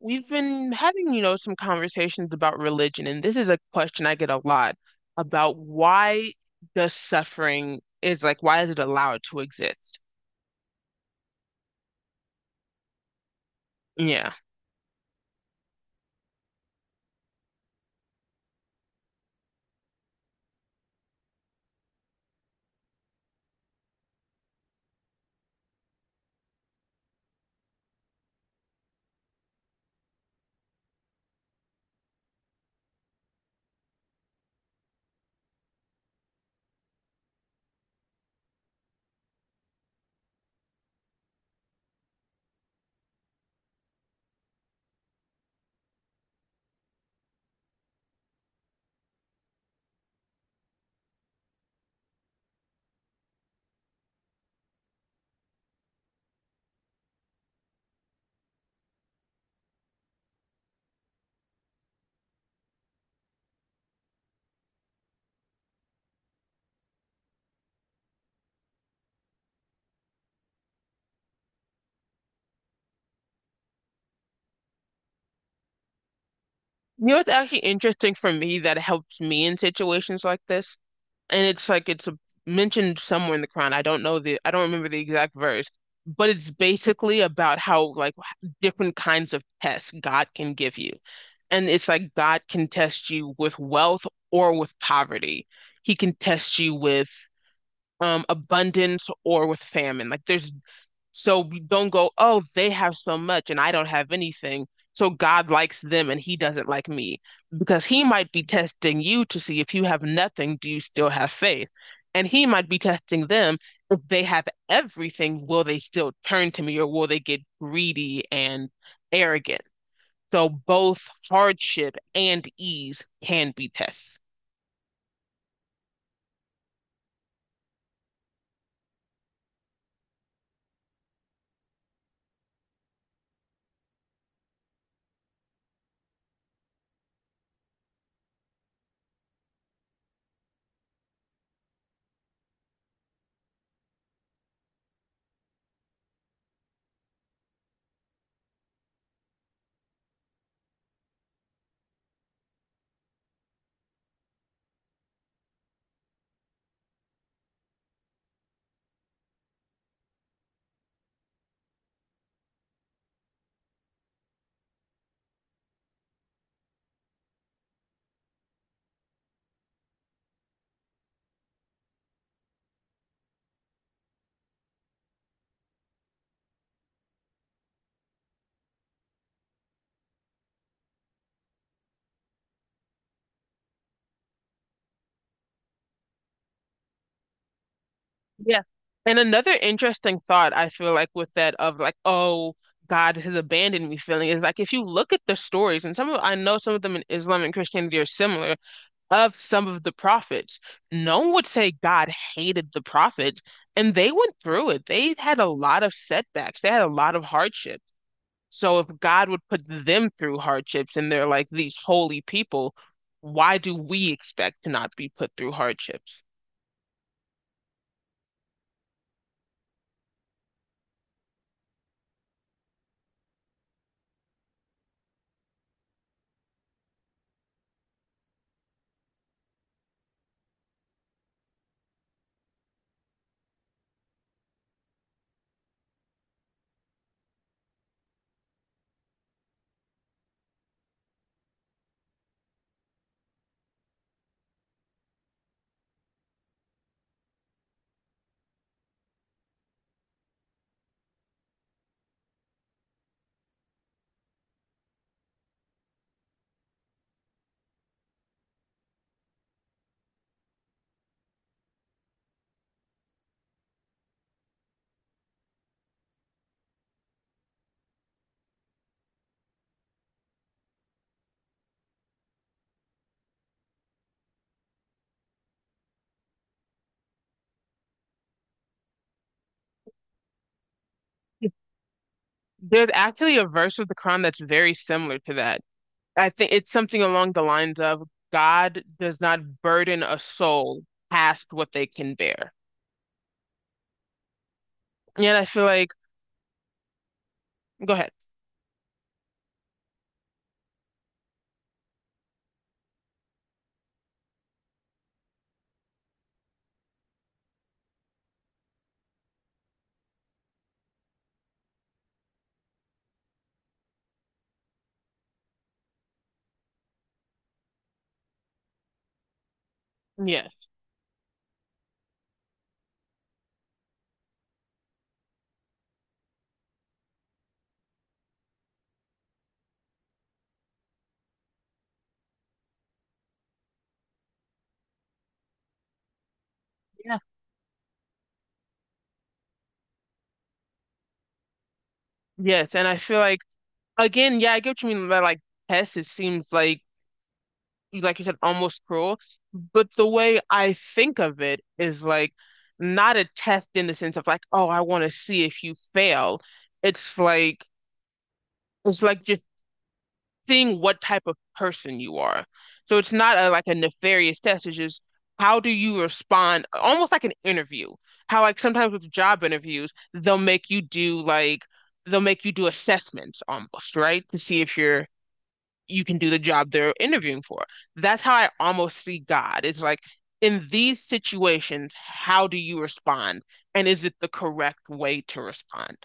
We've been having, some conversations about religion, and this is a question I get a lot about why does suffering is like, why is it allowed to exist? Yeah. It's actually interesting for me that it helps me in situations like this and it's like it's a, mentioned somewhere in the Quran. I don't remember the exact verse, but it's basically about how like different kinds of tests God can give you. And it's like God can test you with wealth or with poverty. He can test you with abundance or with famine. Like there's So we don't go, oh, they have so much and I don't have anything. So God likes them and he doesn't like me because he might be testing you to see if you have nothing, do you still have faith? And he might be testing them if they have everything, will they still turn to me or will they get greedy and arrogant? So both hardship and ease can be tests. Yeah. And another interesting thought I feel like with that of like, oh, God has abandoned me feeling is like if you look at the stories, and some of I know some of them in Islam and Christianity are similar of some of the prophets, no one would say God hated the prophets, and they went through it. They had a lot of setbacks, they had a lot of hardships. So if God would put them through hardships and they're like these holy people, why do we expect to not be put through hardships? There's actually a verse of the Quran that's very similar to that. I think it's something along the lines of God does not burden a soul past what they can bear. And I feel like, go ahead. Yes. Yeah. Yes. And I feel like, again, yeah, I get what you mean by like tests. It seems like you said, almost cruel. But the way I think of it is like not a test in the sense of like, oh, I want to see if you fail. It's like it's like just seeing what type of person you are. So it's not a like a nefarious test. It's just how do you respond, almost like an interview. How like sometimes with job interviews, they'll make you do assessments almost, right? To see if you can do the job they're interviewing for. That's how I almost see God. It's like in these situations, how do you respond? And is it the correct way to respond?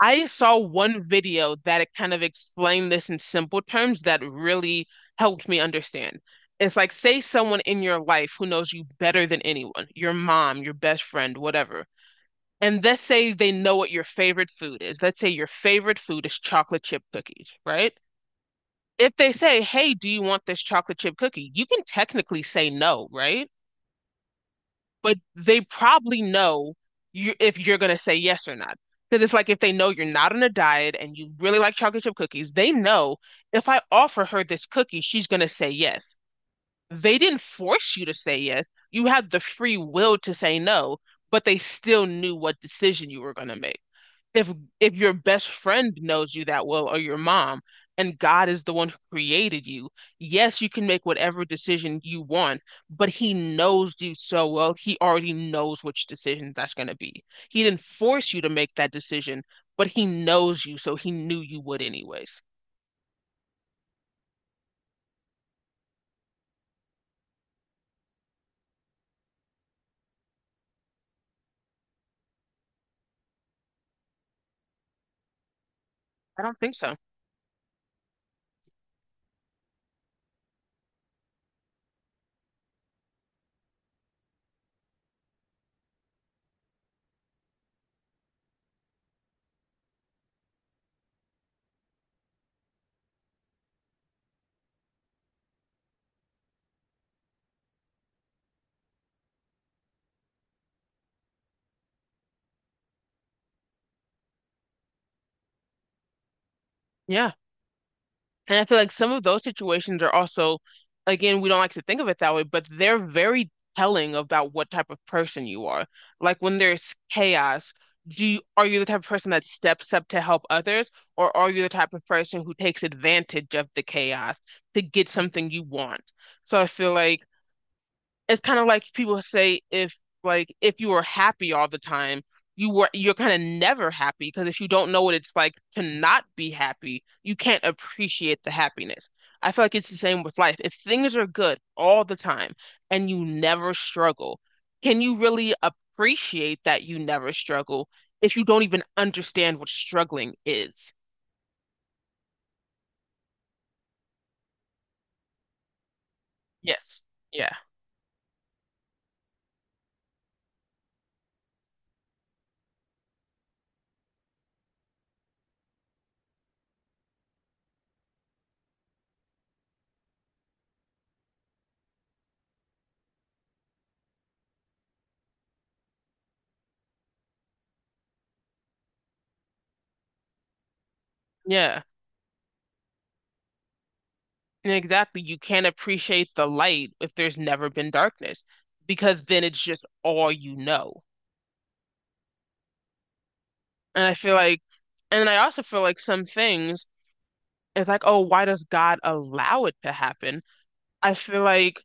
I saw one video that it kind of explained this in simple terms that really helped me understand. It's like, say someone in your life who knows you better than anyone, your mom, your best friend, whatever. And let's say they know what your favorite food is. Let's say your favorite food is chocolate chip cookies, right? If they say, hey, do you want this chocolate chip cookie? You can technically say no, right? But they probably know you if you're gonna say yes or not. Because it's like if they know you're not on a diet and you really like chocolate chip cookies, they know if I offer her this cookie, she's gonna say yes. They didn't force you to say yes. You had the free will to say no, but they still knew what decision you were gonna make if if your best friend knows you that well or your mom and God is the one who created you, yes, you can make whatever decision you want, but he knows you so well, he already knows which decision that's going to be. He didn't force you to make that decision, but he knows you, so he knew you would anyways. I don't think so. Yeah. And I feel like some of those situations are also, again, we don't like to think of it that way, but they're very telling about what type of person you are. Like when there's chaos, are you the type of person that steps up to help others, or are you the type of person who takes advantage of the chaos to get something you want? So I feel like it's kind of like people say if you were happy all the time, you're kind of never happy because if you don't know what it's like to not be happy, you can't appreciate the happiness. I feel like it's the same with life. If things are good all the time and you never struggle, can you really appreciate that you never struggle if you don't even understand what struggling is? Yes. Yeah. Yeah. And exactly, you can't appreciate the light if there's never been darkness, because then it's just all you know. And I feel like, and I also feel like some things, it's like, oh, why does God allow it to happen? I feel like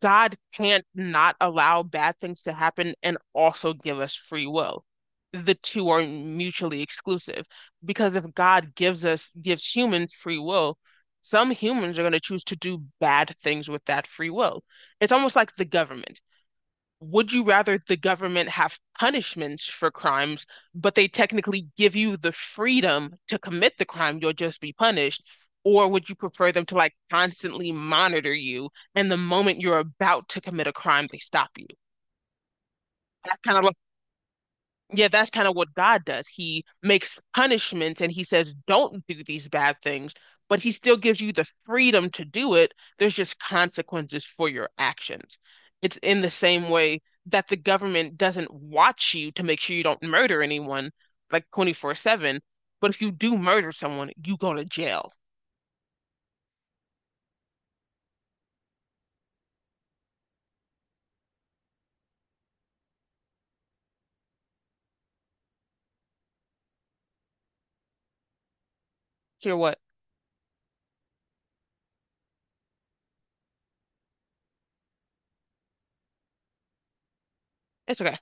God can't not allow bad things to happen and also give us free will. The two are mutually exclusive because if gives humans free will, some humans are going to choose to do bad things with that free will. It's almost like the government would you rather the government have punishments for crimes, but they technically give you the freedom to commit the crime, you'll just be punished? Or would you prefer them to like constantly monitor you and the moment you're about to commit a crime, they stop you? That's kind of yeah, that's kind of what God does. He makes punishments and he says, don't do these bad things, but he still gives you the freedom to do it. There's just consequences for your actions. It's in the same way that the government doesn't watch you to make sure you don't murder anyone like 24/7, but if you do murder someone, you go to jail. Hear what? It's okay.